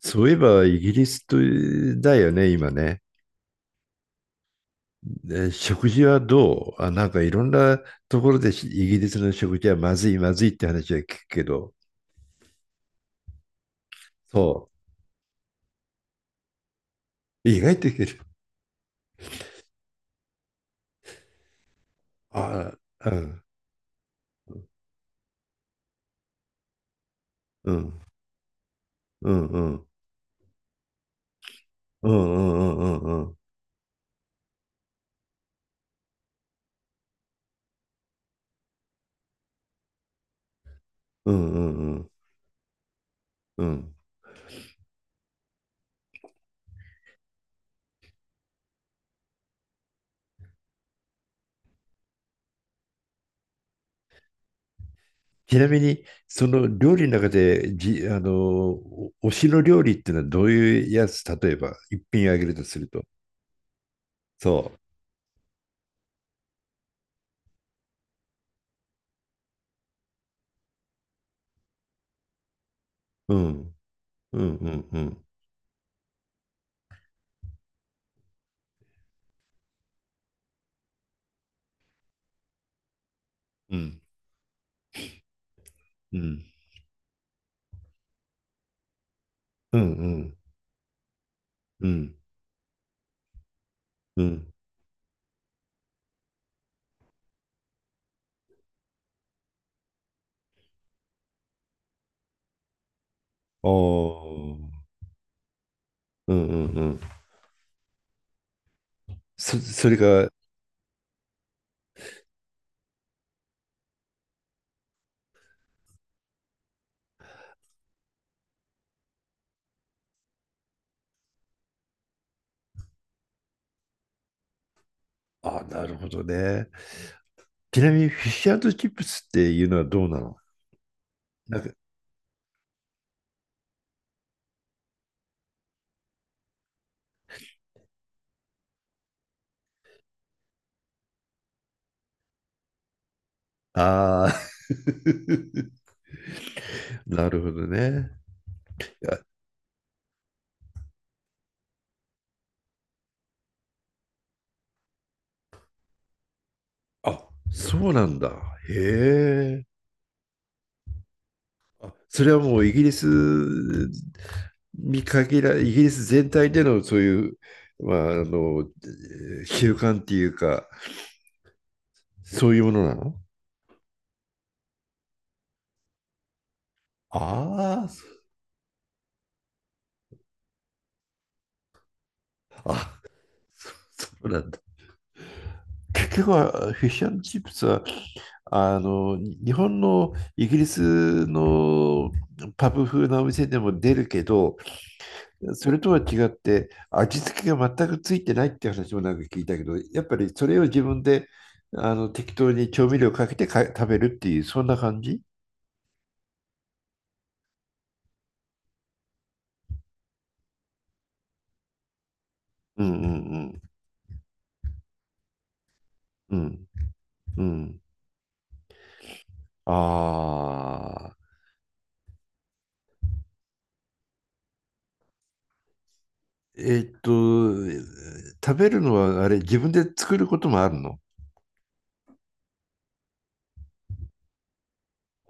そういえば、イギリスとだよね、今ね。で食事はどうあ、なんかいろんなところでしイギリスの食事はまずい、って話は聞くけど、そう。意外といける。あ、うん、うん、うん、うん、うん、うん、うん、うん、うん、うん、うん、ちなみに、その料理の中で、じ、あの、お推しの料理っていうのはどういうやつ、例えば、一品あげるとすると。そう。うん、うん、うん、うん、うん、うん、うん、うん。うん、うん。ああ、うんうんうん。それが、ああ、なるほどね。ちなみに、フィッシュチップスっていうのはどうなの？なんか、ああ、なるほどね。いや、あ、そうなんだ。へえ。あ、それはもうイギリスに限ら、イギリス全体でのそういう、まあ、習慣っていうか、そういうものなの？ああ、そそうなんだ。結局はフィッシュチップスはあの日本のイギリスのパブ風なお店でも出るけど、それとは違って味付けが全くついてないって話もなんか聞いたけど、やっぱりそれを自分で適当に調味料かけて食べるっていうそんな感じ？うんうんうんうんうんああーえーっと、食べるのはあれ、自分で作ることもあるの？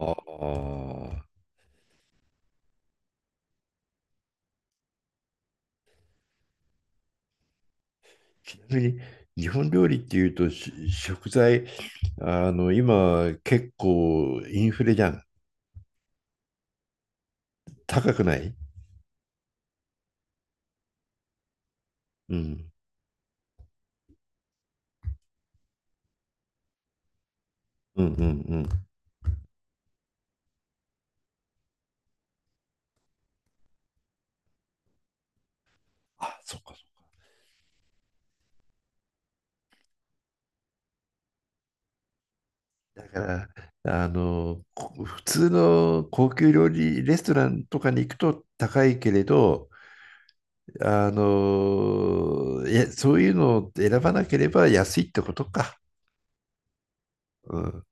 ああ。ちなみに、日本料理っていうと食材、あの今結構インフレじゃん。高くない？うんうんうんうん。あ、そっかそっか。だから、あの、普通の高級料理レストランとかに行くと高いけれど、そういうのを選ばなければ安いってことか。うん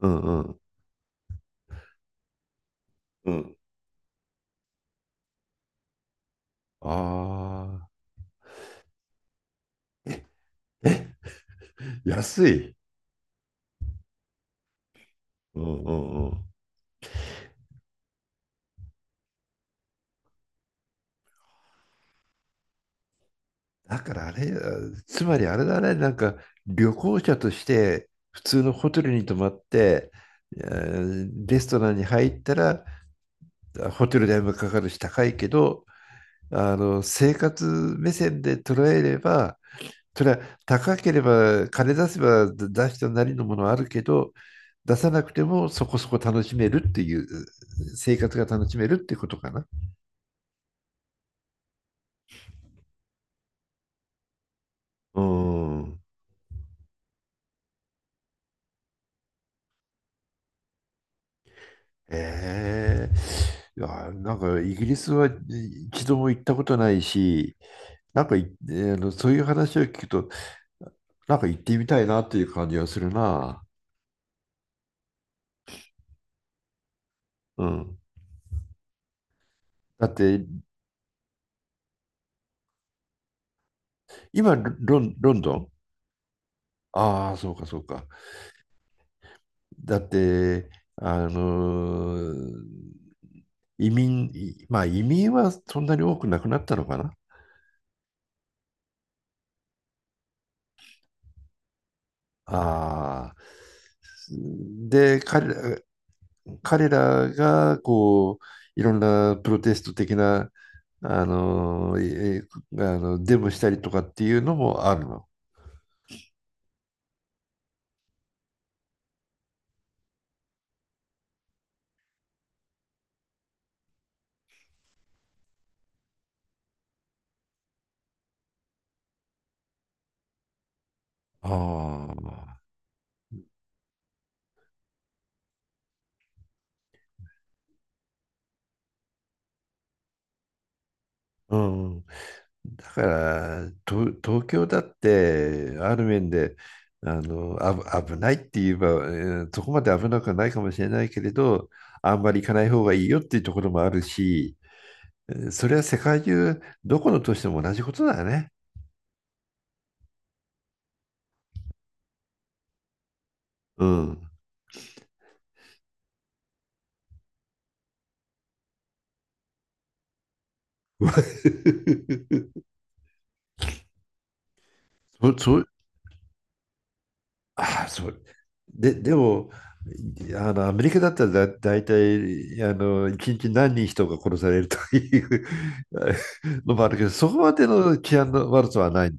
うんうんうん。ああ、安い。うんうんうん。だからあれ、つまりあれだね、なんか旅行者として普通のホテルに泊まって、レストランに入ったら、ホテル代もかかるし高いけど、あの生活目線で捉えれば、それは、高ければ金出せば出したなりのものはあるけど、出さなくてもそこそこ楽しめるっていう、生活が楽しめるってことかな。うん。えいや、なんかイギリスは一度も行ったことないし、なんかい、えーあのそういう話を聞くと、なんか行ってみたいなっていう感じがするな。うん。だって、今ロ、ン、ロンドン？ああ、そうか、そうか。だって、あのー移民、まあ移民はそんなに多くなくなったのかな。ああ。で、彼らが、こう、いろんなプロテスト的な、あの、えあの、デモしたりとかっていうのもあるの？ああ、うん、だから東京だってある面で、あのあぶ危ないって言えば、そこまで危なくはないかもしれないけれど、あんまり行かない方がいいよっていうところもあるし、えーそれは世界中どこの都市でも同じことだよね。うん、そ、そああ、そう。で、でも、あの、アメリカだったら大体、あの、一日何人人が殺されるというあもあるけど、そこまでの治安の悪さはない。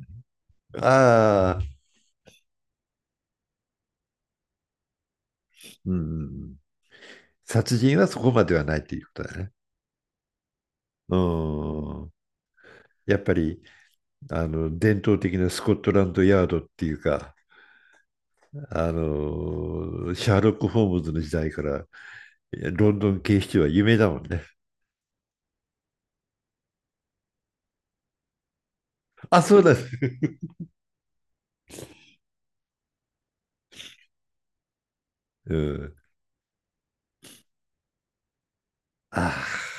ああ、うん。殺人はそこまではないっていうことだね。うん。やっぱり、あの、伝統的なスコットランドヤードっていうか、あの、シャーロック・ホームズの時代から、ロンドン警視庁は有名だもんね。あ、そうだ。うん。ああ。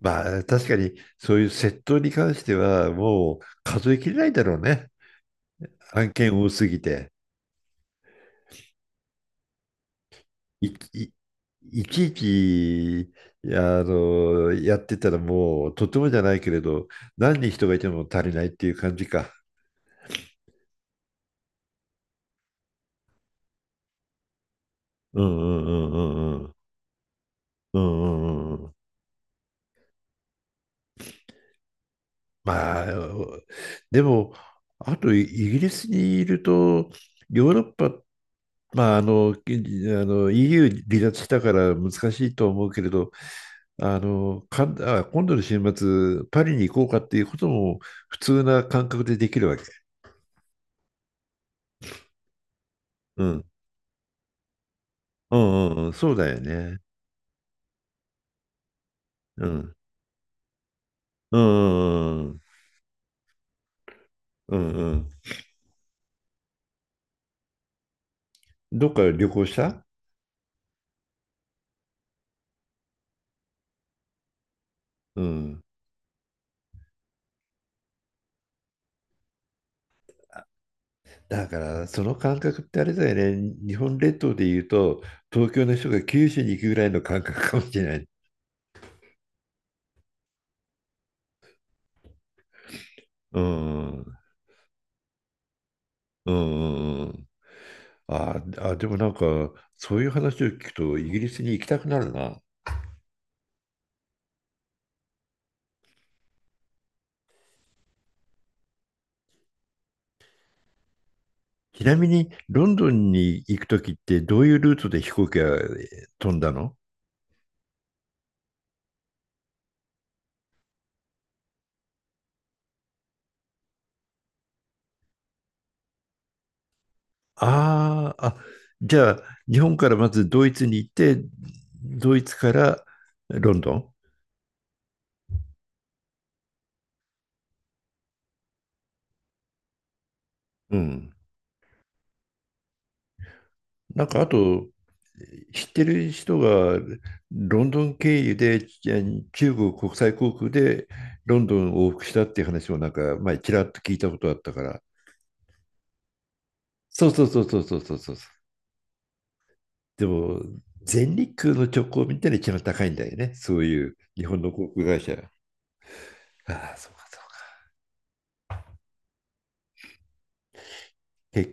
まあ、確かに、そういう窃盗に関しては、もう数えきれないだろうね。案件多すぎて。い、い、いちいち、あの、やってたらもう、とてもじゃないけれど、何人人がいても足りないっていう感じか。うんうんうんうんうん。うんうんうん。まあ、でも、あとイギリスにいると、ヨーロッパ、まあ、あの、 EU 離脱したから難しいとは思うけれど、あの、かん、あ、今度の週末、パリに行こうかっていうことも普通な感覚でできるわけ？うん。うんうんうん、そうだよね。うん。うんうんうん。うんうん。どっか旅行した？うん。だから、その感覚ってあれだよね。日本列島で言うと、東京の人が九州に行くぐらいの感覚かもしれない。うんうんうんうんうん。ああ、でもなんか、そういう話を聞くと、イギリスに行きたくなるな。ちなみに、ロンドンに行くときって、どういうルートで飛行機が飛んだの？あーあ、じゃあ、日本からまずドイツに行って、ドイツからロンドン？うん。なんか、あと、知ってる人がロンドン経由でち中国国際航空でロンドンを往復したっていう話をなんか前ちらっと聞いたことあったから。そうそうそうそうそうそうそう。でも、全日空の直行便ってのは一番高いんだよね。そういう日本の航空会社。ああ、そうかそうか。け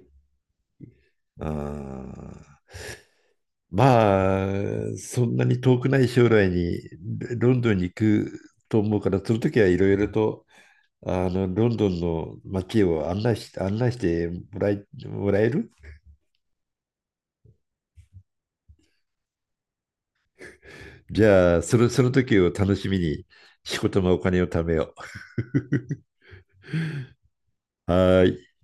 あーまあ、そんなに遠くない将来にロンドンに行くと思うから、その時はいろいろとあのロンドンの街を案内してもらえる？じゃあ、その、その時を楽しみに仕事もお金を貯めよう。はーい。